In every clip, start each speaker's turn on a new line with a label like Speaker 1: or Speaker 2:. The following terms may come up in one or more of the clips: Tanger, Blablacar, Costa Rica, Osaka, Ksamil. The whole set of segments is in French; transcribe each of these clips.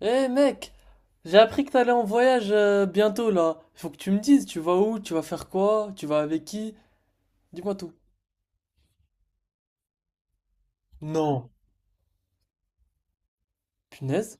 Speaker 1: Eh mec, j'ai appris que t'allais en voyage bientôt là. Faut que tu me dises, tu vas où, tu vas faire quoi, tu vas avec qui? Dis-moi tout. Non. Punaise.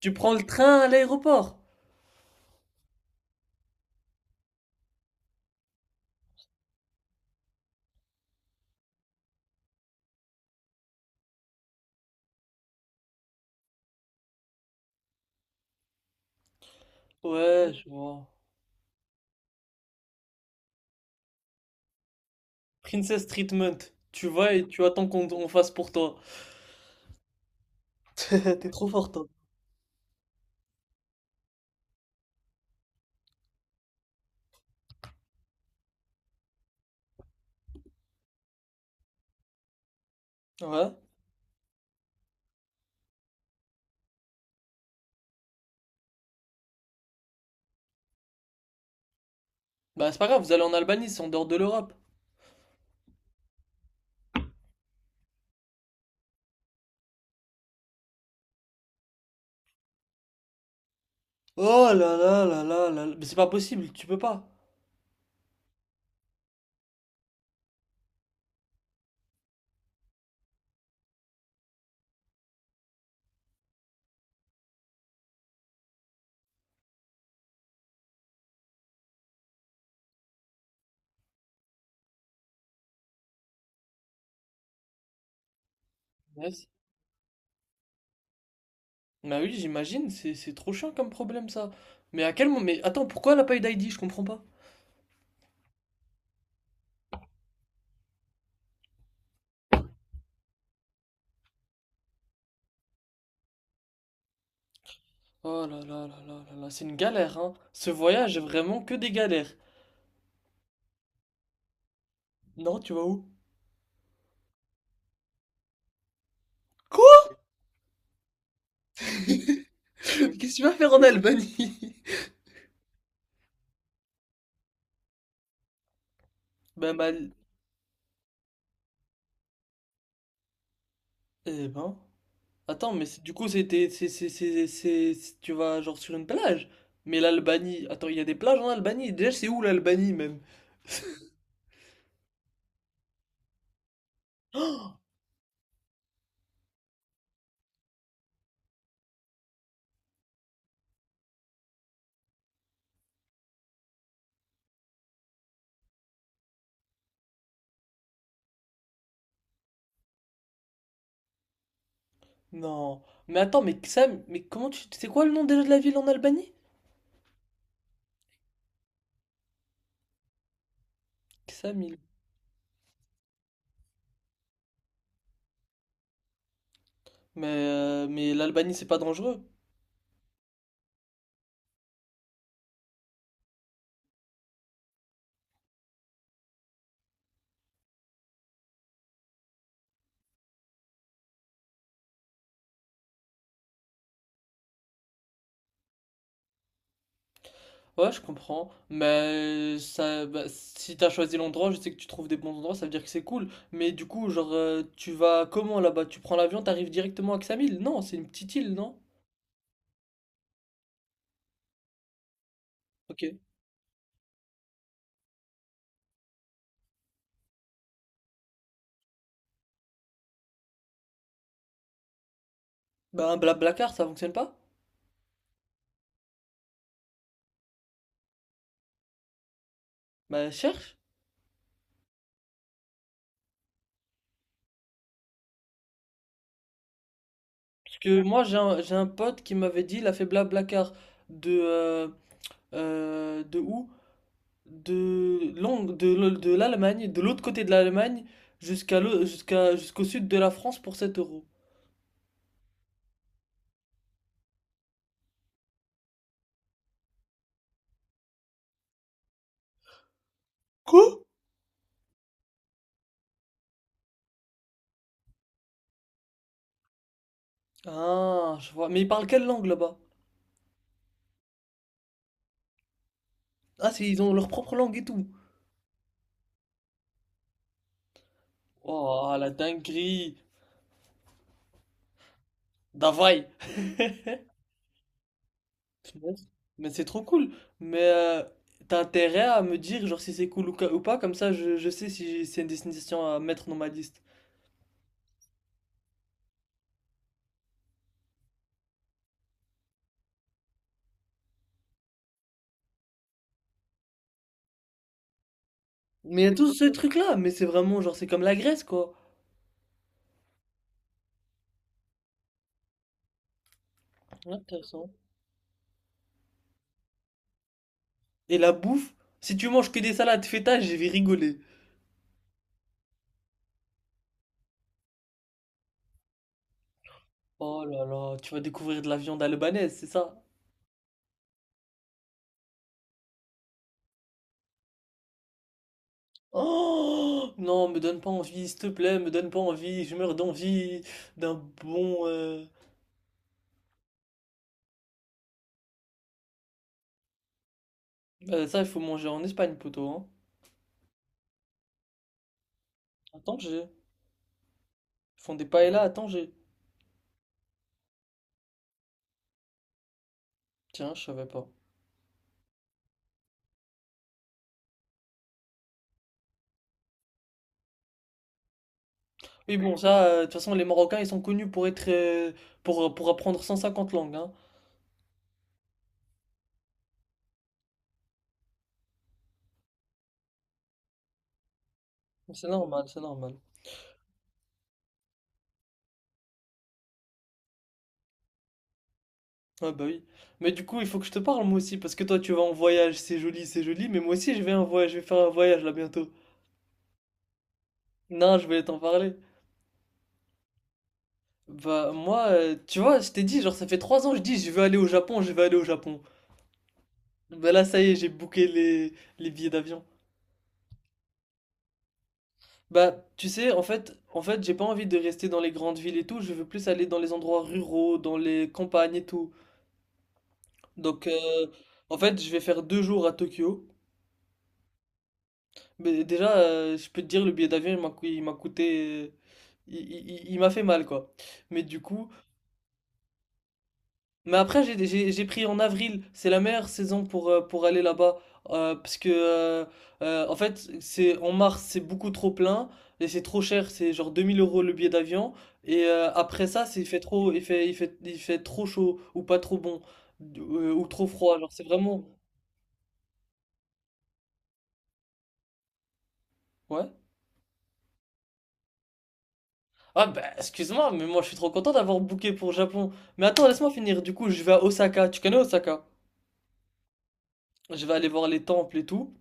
Speaker 1: Tu prends le train à l'aéroport? Ouais, je vois. Princess Treatment. Tu vas et tu attends qu'on on fasse pour toi. T'es trop fort toi. Ouais. Bah c'est pas grave, vous allez en Albanie, c'est en dehors de l'Europe. Oh là là là là là là. Mais c'est pas possible, tu peux pas. Yes. Bah oui, j'imagine, c'est trop chiant comme problème ça. Mais à quel moment... Mais attends, pourquoi elle a pas eu d'ID? Je comprends pas. Oh là là là là là là, c'est une galère, hein. Ce voyage est vraiment que des galères. Non, tu vas où? Quoi? Qu'est-ce que tu vas faire en Albanie? Ben, mal. Eh ben. Attends, mais du coup, c'était. C'est- tu vas genre sur une plage. Mais l'Albanie. Attends, il y a des plages en Albanie. Déjà, c'est où l'Albanie même? Non. Mais attends, mais Sam, mais comment tu. C'est quoi le nom déjà de la ville en Albanie? Ksamil. Mais l'Albanie, c'est pas dangereux. Ouais, je comprends. Mais ça, bah, si t'as choisi l'endroit, je sais que tu trouves des bons endroits, ça veut dire que c'est cool. Mais du coup, genre, tu vas comment là-bas? Tu prends l'avion, t'arrives directement à Ksamil? Non, c'est une petite île, non? Ok. Bah, un Blablacar, ça fonctionne pas? Bah, cherche. Parce que moi, j'ai un pote qui m'avait dit, il a fait Blablacar de, euh, de où? De, Londres, de l'Allemagne, de l'autre côté de l'Allemagne, jusqu'au sud de la France pour 7 euros. Quoi? Ah, je vois. Mais ils parlent quelle langue là-bas? Ah, ils ont leur propre langue et tout. Oh, la dinguerie. Davai. Punaise. Mais c'est trop cool. Mais t'as intérêt à me dire genre si c'est cool ou pas, comme ça je sais si c'est une destination à mettre dans ma liste. Mais il y a tous ces trucs-là, mais c'est vraiment genre c'est comme la Grèce quoi. Intéressant. Et la bouffe, si tu manges que des salades feta, je vais rigoler. Oh là là, tu vas découvrir de la viande albanaise, c'est ça? Oh non, me donne pas envie, s'il te plaît, me donne pas envie, je meurs d'envie d'un bon. Ça, il faut manger en Espagne, poteau, hein. À Tanger. Ils font des paella à Tanger. Tiens, je savais pas. Oui, bon, ça, de toute façon, les Marocains, ils sont connus pour être. Pour apprendre 150 langues, hein. C'est normal, c'est normal. Ah bah oui. Mais du coup, il faut que je te parle, moi aussi, parce que toi, tu vas en voyage, c'est joli, mais moi aussi, je vais en voyage, je vais faire un voyage là bientôt. Non, je voulais t'en parler. Bah moi, tu vois, je t'ai dit, genre ça fait 3 ans que je dis je veux aller au Japon, je veux aller au Japon. Bah là ça y est, j'ai booké les billets d'avion. Bah tu sais, en fait, j'ai pas envie de rester dans les grandes villes et tout, je veux plus aller dans les endroits ruraux, dans les campagnes et tout. Donc en fait, je vais faire 2 jours à Tokyo. Mais déjà, je peux te dire, le billet d'avion, il m'a coûté. Il m'a fait mal, quoi. Mais du coup. Mais après, j'ai pris en avril. C'est la meilleure saison pour aller là-bas. Parce que, en fait, c'est en mars, c'est beaucoup trop plein. Et c'est trop cher. C'est genre 2 000 € le billet d'avion. Et après ça, il fait trop, il fait, il fait, il fait trop chaud. Ou pas trop bon. Ou trop froid. Genre, c'est vraiment. Ouais. Ah, bah, excuse-moi, mais moi, je suis trop content d'avoir booké pour le Japon. Mais attends, laisse-moi finir. Du coup, je vais à Osaka. Tu connais Osaka? Je vais aller voir les temples et tout.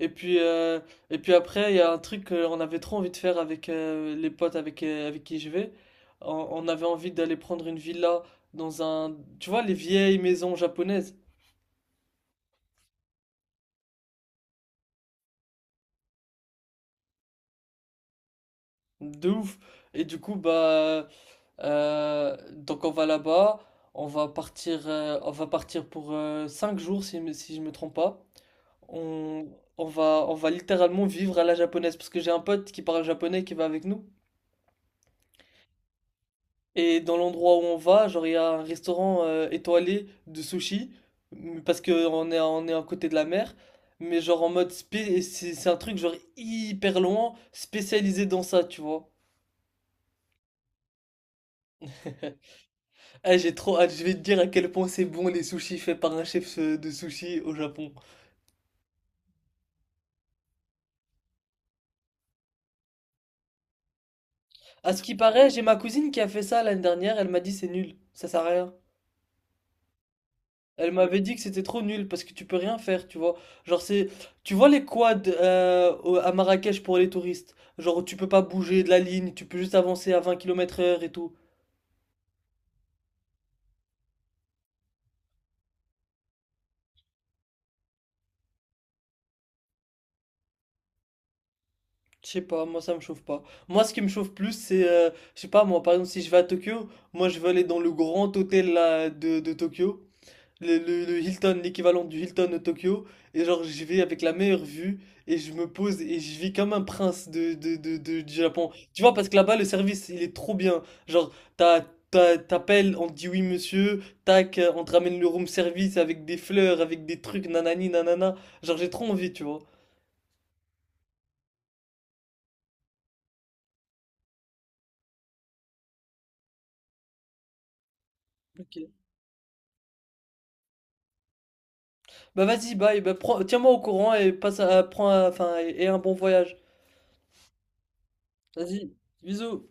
Speaker 1: Et puis, euh, et puis après, il y a un truc qu'on avait trop envie de faire avec les potes avec qui je vais. On avait envie d'aller prendre une villa dans un. Tu vois, les vieilles maisons japonaises. De ouf. Et du coup, bah. Donc on va là-bas. On va partir pour 5 jours, si je me trompe pas. On, on va littéralement vivre à la japonaise. Parce que j'ai un pote qui parle japonais qui va avec nous. Et dans l'endroit où on va, genre, il y a un restaurant étoilé de sushi, parce que on est à côté de la mer, mais genre en mode c'est un truc genre hyper loin, spécialisé dans ça, tu vois. Ah j'ai trop hâte, je vais te dire à quel point c'est bon les sushis faits par un chef de sushi au Japon. À ce qui paraît, j'ai ma cousine qui a fait ça l'année dernière, elle m'a dit c'est nul, ça sert à rien. Elle m'avait dit que c'était trop nul parce que tu peux rien faire, tu vois. Genre tu vois les quads à Marrakech pour les touristes. Genre tu peux pas bouger de la ligne, tu peux juste avancer à 20 km/h et tout. Je sais pas, moi ça me chauffe pas. Moi ce qui me chauffe plus c'est, je sais pas moi, par exemple si je vais à Tokyo, moi je veux aller dans le grand hôtel là, de Tokyo. Le Hilton, l'équivalent du Hilton de Tokyo, et genre j'y vais avec la meilleure vue, et je me pose et je vis comme un prince du Japon. Tu vois, parce que là-bas, le service, il est trop bien. Genre, t'as, t'appelles, on te dit oui monsieur, tac, on te ramène le room service avec des fleurs, avec des trucs, nanani, nanana. Genre, j'ai trop envie, tu vois. Ok. Bah vas-y, bye, bah, tiens-moi au courant et passe à, prends, enfin, et un bon voyage. Vas-y, bisous.